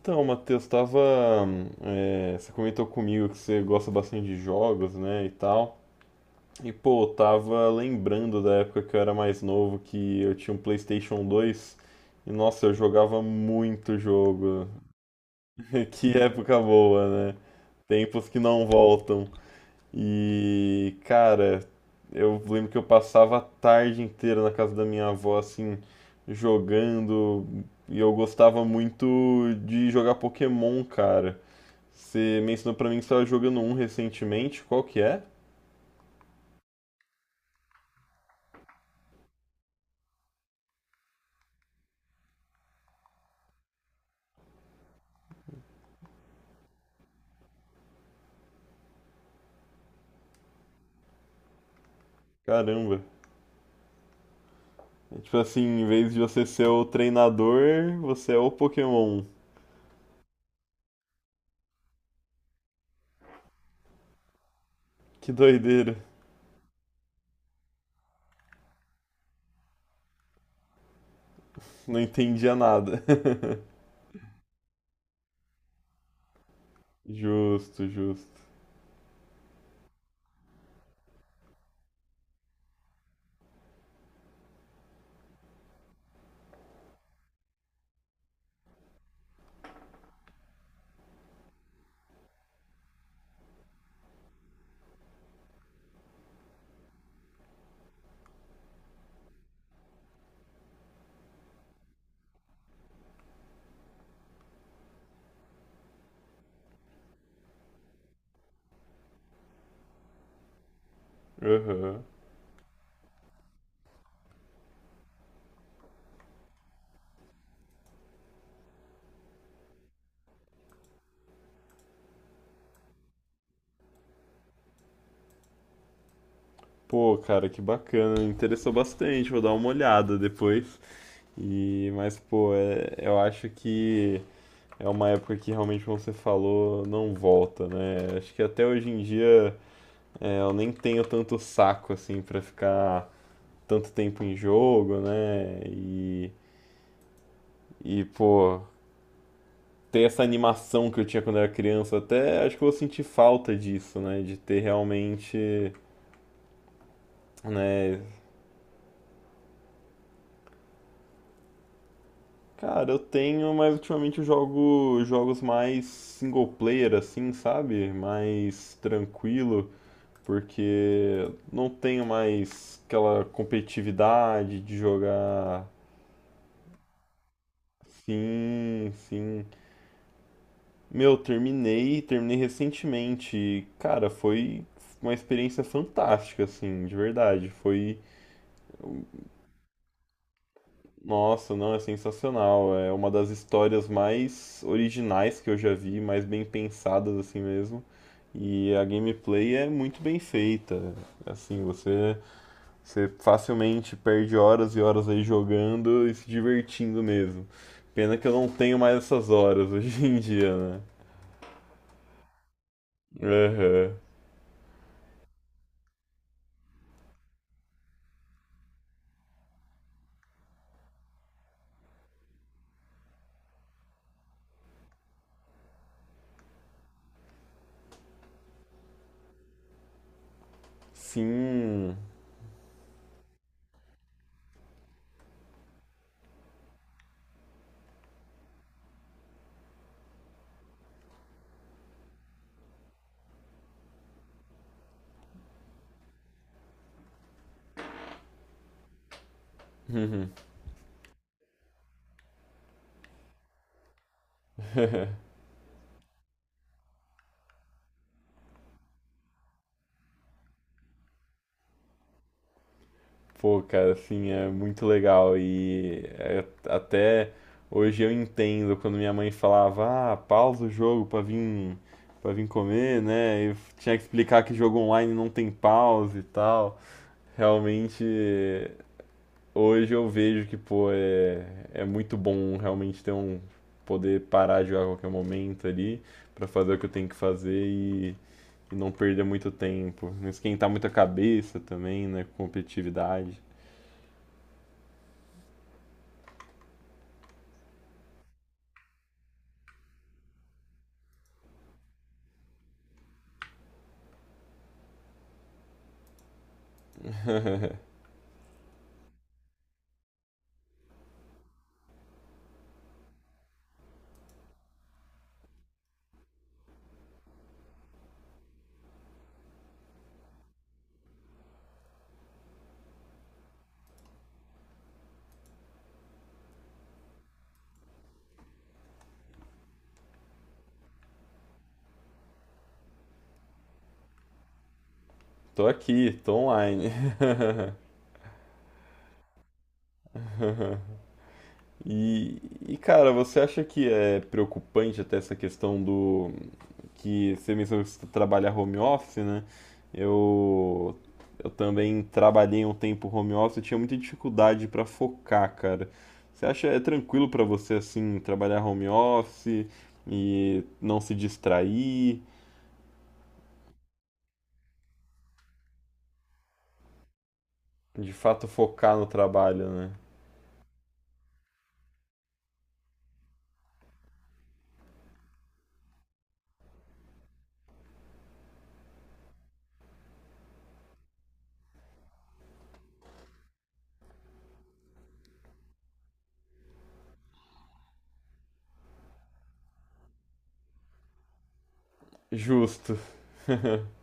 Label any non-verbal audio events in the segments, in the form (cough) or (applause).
Então, Matheus, tava, você comentou comigo que você gosta bastante de jogos, né, e tal. E pô, eu tava lembrando da época que eu era mais novo, que eu tinha um PlayStation 2 e nossa, eu jogava muito jogo. (laughs) Que época boa, né? Tempos que não voltam. E cara, eu lembro que eu passava a tarde inteira na casa da minha avó assim jogando e eu gostava muito de jogar Pokémon, cara. Você mencionou pra mim que você estava jogando um recentemente, qual que é? Caramba. É tipo assim, em vez de você ser o treinador, você é o Pokémon. Que doideira. Não entendia nada. (laughs) Justo, justo. Aham. Pô, cara, que bacana. Interessou bastante. Vou dar uma olhada depois. E, mas, pô, eu acho que é uma época que realmente, como você falou, não volta, né? Acho que até hoje em dia. É, eu nem tenho tanto saco assim pra ficar tanto tempo em jogo, né? E pô, ter essa animação que eu tinha quando eu era criança, até acho que eu vou sentir falta disso, né? De ter realmente, né? Cara, eu tenho, mas ultimamente eu jogo jogos mais single player, assim, sabe? Mais tranquilo, porque não tenho mais aquela competitividade de jogar. Sim, sim. Meu, terminei recentemente. E, cara, foi uma experiência fantástica, assim, de verdade. Foi, nossa, não, é sensacional. É uma das histórias mais originais que eu já vi, mais bem pensadas, assim mesmo. E a gameplay é muito bem feita. Assim, você, você facilmente perde horas e horas aí jogando e se divertindo mesmo. Pena que eu não tenho mais essas horas (laughs) hoje em dia, né? Aham. Sim. Pô, cara, assim, é muito legal e até hoje eu entendo quando minha mãe falava, ah, pausa o jogo pra para vir comer, né? Eu tinha que explicar que jogo online não tem pausa e tal. Realmente, hoje eu vejo que, pô, é, é muito bom realmente ter um poder parar de jogar a qualquer momento ali pra fazer o que eu tenho que fazer e não perder muito tempo, não esquentar muito a cabeça também, né, com competitividade. Tô aqui, tô online. (laughs) E, e, cara, você acha que é preocupante até essa questão do que você mencionou que você trabalha home office, né? Eu eu também trabalhei um tempo home office, eu tinha muita dificuldade pra focar, cara. Você acha é tranquilo pra você assim trabalhar home office e não se distrair, de fato focar no trabalho, né? Justo. (laughs)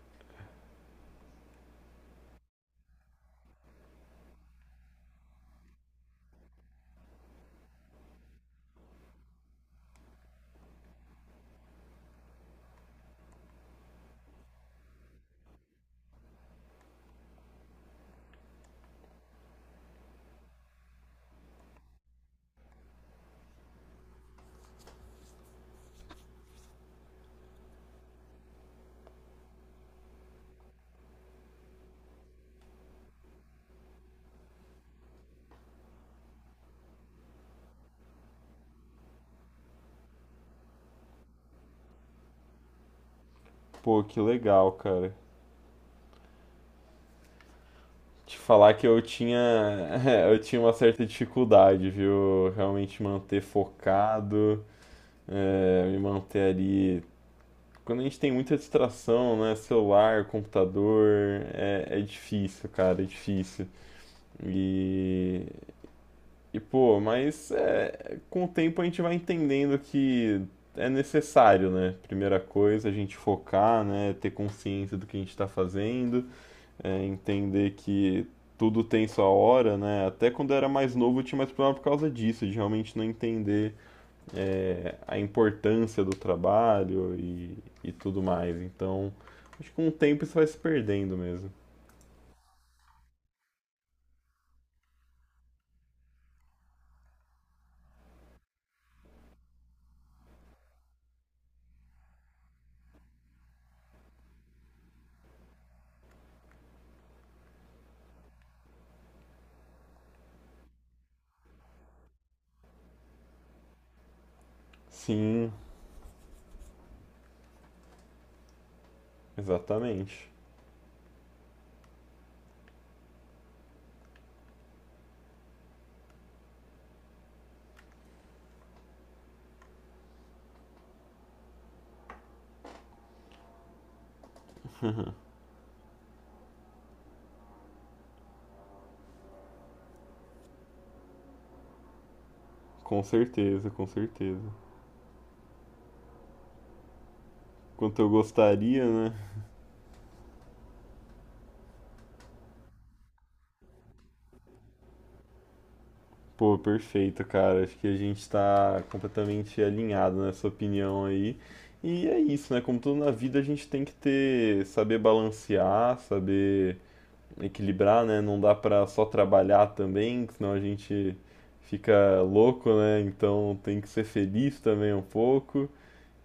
Pô, que legal, cara. Te falar que eu tinha, (laughs) eu tinha uma certa dificuldade, viu? Realmente manter focado, me manter ali. Quando a gente tem muita distração, né? Celular, computador, é, é difícil, cara, é difícil. E, e pô, mas é, com o tempo a gente vai entendendo que é necessário, né? Primeira coisa, a gente focar, né? Ter consciência do que a gente está fazendo. É, entender que tudo tem sua hora, né? Até quando eu era mais novo eu tinha mais problema por causa disso, de realmente não entender a importância do trabalho e tudo mais. Então, acho que com o tempo isso vai se perdendo mesmo. Sim, exatamente. Com certeza, com certeza. Quanto eu gostaria, né? Pô, perfeito, cara. Acho que a gente tá completamente alinhado nessa opinião aí. E é isso, né? Como tudo na vida, a gente tem que ter, saber balancear, saber equilibrar, né? Não dá pra só trabalhar também, que senão a gente fica louco, né? Então tem que ser feliz também um pouco.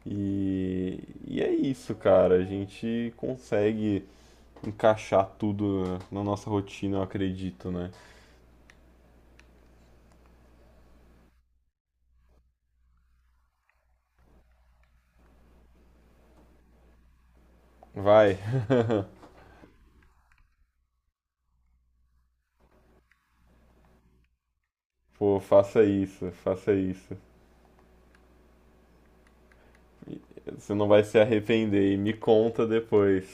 E, e é isso, cara. A gente consegue encaixar tudo na nossa rotina, eu acredito, né? Vai, (laughs) pô, faça isso, faça isso. Você não vai se arrepender e me conta depois.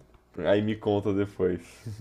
(laughs) Aí me conta depois.